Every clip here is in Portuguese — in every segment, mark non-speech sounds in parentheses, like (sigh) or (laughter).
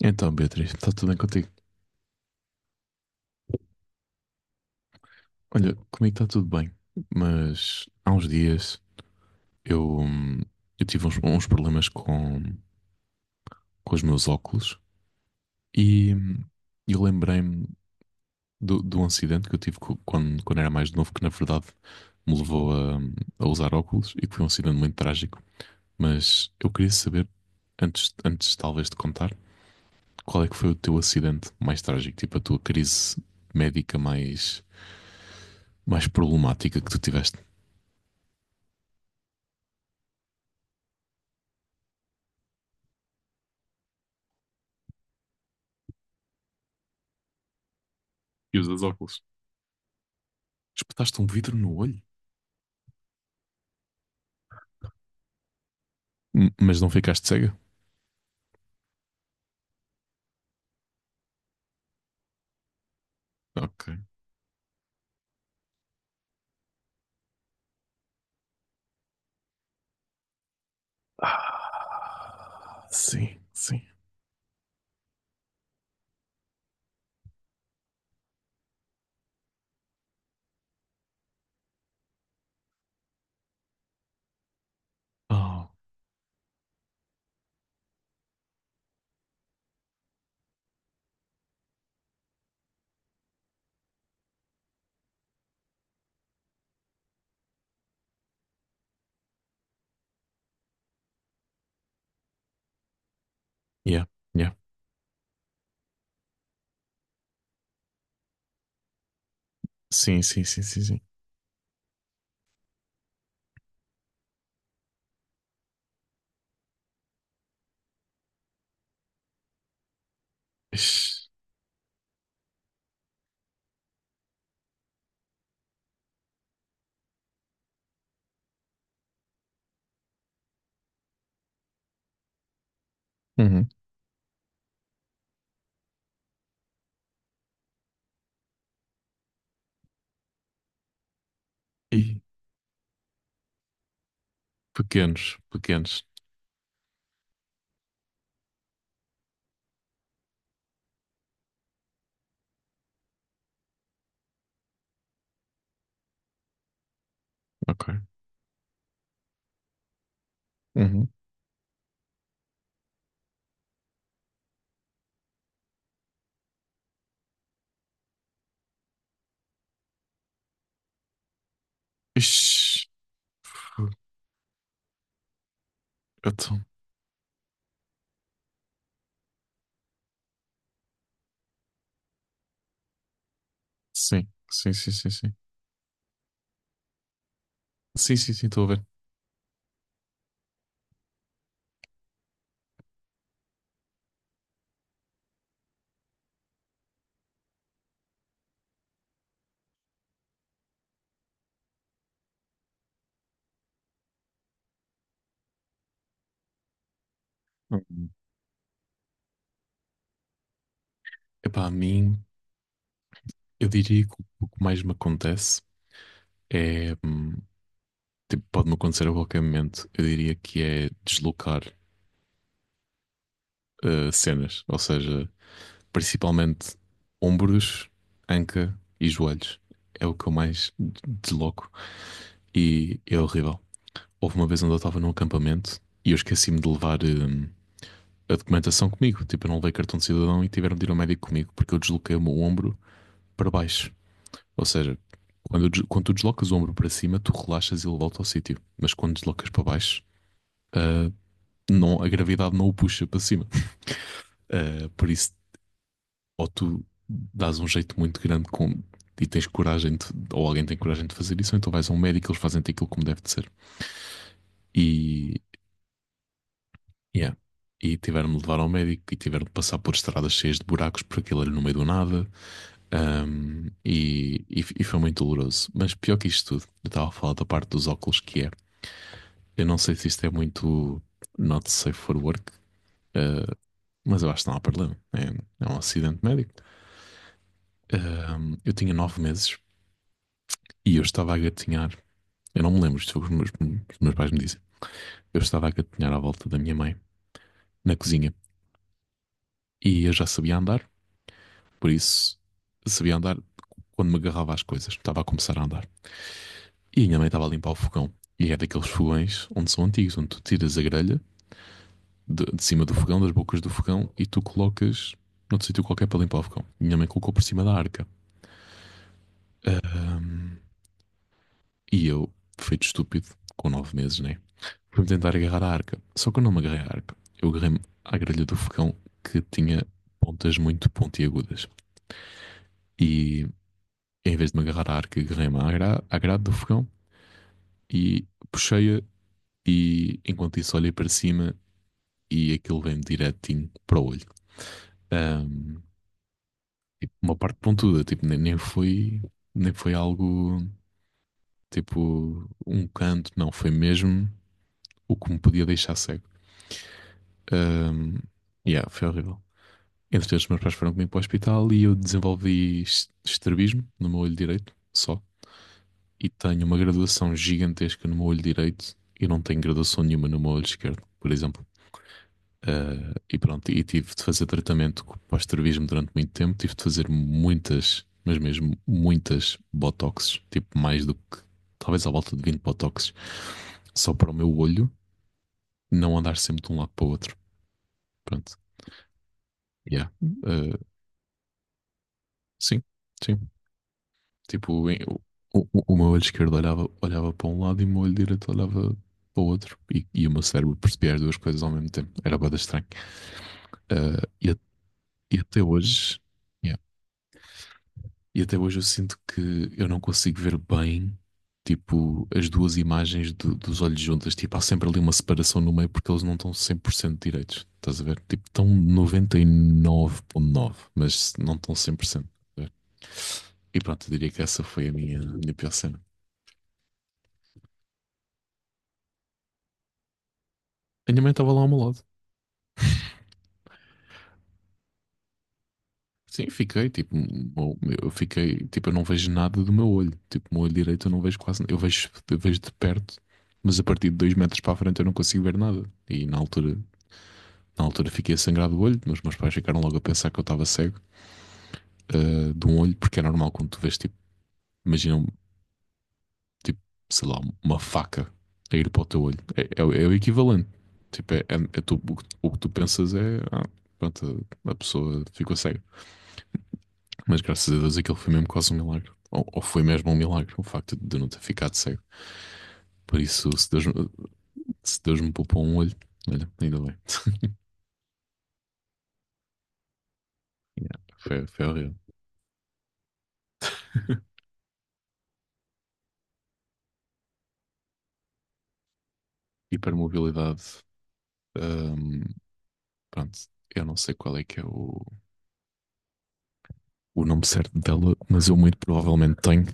Então, Beatriz, está tudo bem contigo? Olha, comigo está tudo bem, mas há uns dias eu, hum, eu tive uns problemas com os meus óculos e eu lembrei-me do acidente que eu tive quando era mais novo, que na verdade me levou a usar óculos e que foi um acidente muito trágico. Mas eu queria saber, antes talvez de contar, qual é que foi o teu acidente mais trágico, tipo a tua crise médica mais problemática que tu tiveste? E usas óculos. Espetaste um vidro no olho? M- Mas não ficaste cega? Ok. Ah, sim, sim. Oh, yeah, yeah. Sim, sim, sim, sim, sim. Ixi. Uhum. E pequenos, pequenos. Ok. Uhum. Ixi. Fu- Então, sim, sim, sim, sim, sim. Sim, sim, sim, estou a ver. Uhum. Epá, a mim, eu diria que o que mais me acontece é, tipo, pode-me acontecer a qualquer momento. Eu diria que é deslocar cenas, ou seja, principalmente ombros, anca e joelhos. É o que eu mais desloco e é horrível. Houve uma vez onde eu estava num acampamento e eu esqueci-me de levar a documentação comigo. Tipo, eu não levei cartão de cidadão e tiveram de ir ao médico comigo porque eu desloquei o meu ombro para baixo. Ou seja, quando tu deslocas o ombro para cima, tu relaxas e ele volta ao sítio. Mas quando deslocas para baixo, ah, não, a gravidade não o puxa para cima. Ah, por isso ou tu dás um jeito muito grande com, e tens coragem, de, ou alguém tem coragem de fazer isso, ou então vais a um médico, eles fazem-te aquilo como deve de ser. E, yeah. E tiveram de levar ao médico e tiveram de passar por estradas cheias de buracos, por aquilo ali no meio do nada. E foi muito doloroso. Mas pior que isto tudo, eu estava a falar da parte dos óculos que é. Eu não sei se isto é muito not safe for work, ah, mas eu acho que não há problema. É, é um acidente médico. Eu tinha 9 meses e eu estava a gatinhar. Eu não me lembro, isto foi o que os meus pais me dizem. Eu estava a gatinhar à volta da minha mãe, na cozinha, e eu já sabia andar, por isso sabia andar quando me agarrava às coisas, estava a começar a andar. E a minha mãe estava a limpar o fogão. E é daqueles fogões onde são antigos, onde tu tiras a grelha de cima do fogão, das bocas do fogão, e tu colocas noutro sítio qualquer para limpar o fogão. Minha mãe colocou por cima da arca. Ahm, e eu, feito estúpido, com 9 meses, né? Para me tentar agarrar à arca. Só que eu não me agarrei à arca. Eu agarrei-me à grelha do fogão que tinha pontas muito pontiagudas. E em vez de me agarrar à arca, agarrei-me à, gra à grade do fogão e puxei-a. E enquanto isso, olhei para cima e aquilo vem direitinho para o olho. Ahm, tipo, uma parte pontuda, tipo, nem foi algo tipo um canto, não, foi mesmo o que me podia deixar cego. Ahm, yeah, foi horrível. Entretanto, os meus pais foram comigo para o hospital e eu desenvolvi estrabismo no meu olho direito, só. E tenho uma graduação gigantesca no meu olho direito e não tenho graduação nenhuma no meu olho esquerdo, por exemplo. Ah, e pronto, e tive de fazer tratamento para o estrabismo durante muito tempo. Tive de fazer muitas, mas mesmo muitas botoxes, tipo mais do que, talvez à volta de 20 botoxes, só para o meu olho não andar sempre de um lado para o outro. Pronto, yeah. Ah, sim, sim. Tipo, o meu olho esquerdo olhava, olhava para um lado e o meu olho direito olhava para o outro. E o meu cérebro percebia as duas coisas ao mesmo tempo. Era bastante estranho. Ah, e até hoje, yeah, e até hoje eu sinto que eu não consigo ver bem, tipo, as duas imagens dos olhos juntas. Tipo, há sempre ali uma separação no meio porque eles não estão 100% direitos. Estás a ver? Tipo, estão 99,9 mas não estão 100%. Estás a ver? E pronto, eu diria que essa foi a minha pior cena. A minha mãe estava lá ao meu lado. Sim, fiquei, tipo, eu fiquei, tipo, eu não vejo nada do meu olho. Tipo, o meu olho direito eu não vejo quase, eu vejo de perto, mas a partir de 2 metros para a frente eu não consigo ver nada. E na altura fiquei a sangrar do olho, mas meus pais ficaram logo a pensar que eu estava cego, ah, de um olho, porque é normal quando tu vês, tipo, imagina, tipo, sei lá, uma faca a ir para o teu olho. É, é o equivalente. Tipo, que o que tu pensas é, ah, pronto, a pessoa ficou cega. Mas graças a Deus aquilo foi mesmo quase um milagre. Ou foi mesmo um milagre, o facto de eu não ter ficado cego. Por isso, se Deus me poupou um olho, olha, ainda bem. (laughs) Yeah, foi, foi horrível. Hipermobilidade, hum, pronto, eu não sei qual é que é o nome certo dela, mas eu muito provavelmente tenho,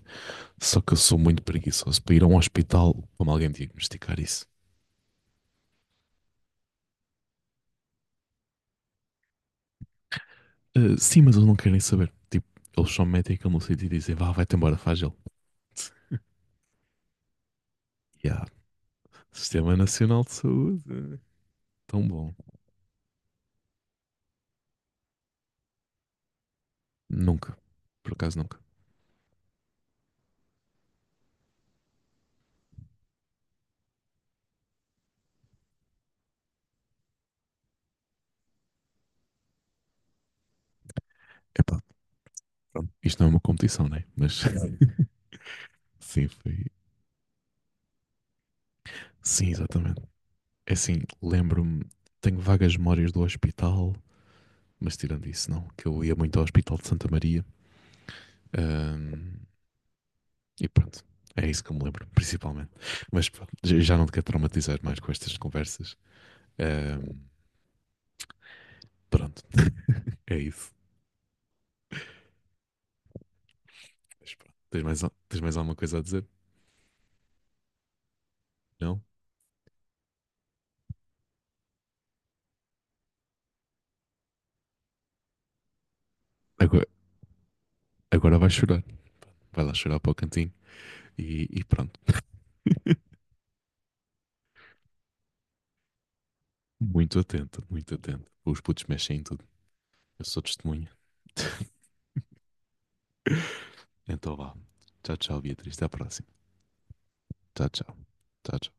só que eu sou muito preguiçoso para ir a um hospital como alguém diagnosticar isso. Ah, sim, mas eles não querem saber. Tipo, eles só metem aquilo no sítio e dizem, vá, vai-te embora, faz ele. (laughs) Yeah. Sistema Nacional de Saúde. Tão bom. Nunca. Por acaso nunca. Epá, pronto. Isto não é uma competição, né? Mas (laughs) sim, foi. Sim, exatamente. É assim, lembro-me, tenho vagas memórias do hospital, mas tirando isso, não, que eu ia muito ao Hospital de Santa Maria. Ahm, e pronto. É isso que eu me lembro, principalmente. Mas pronto, já não te quero traumatizar mais com estas conversas. Ahm, pronto, é isso. Mas pronto. Tens mais, tens mais alguma coisa a dizer? Não? Agora, agora vais chorar. Vai lá chorar para o cantinho e pronto. Muito atento, muito atento. Os putos mexem em tudo. Eu sou testemunha. (laughs) Então vá. Tchau, tchau, Beatriz. Até à próxima. Tchau, tchau. Tchau, tchau.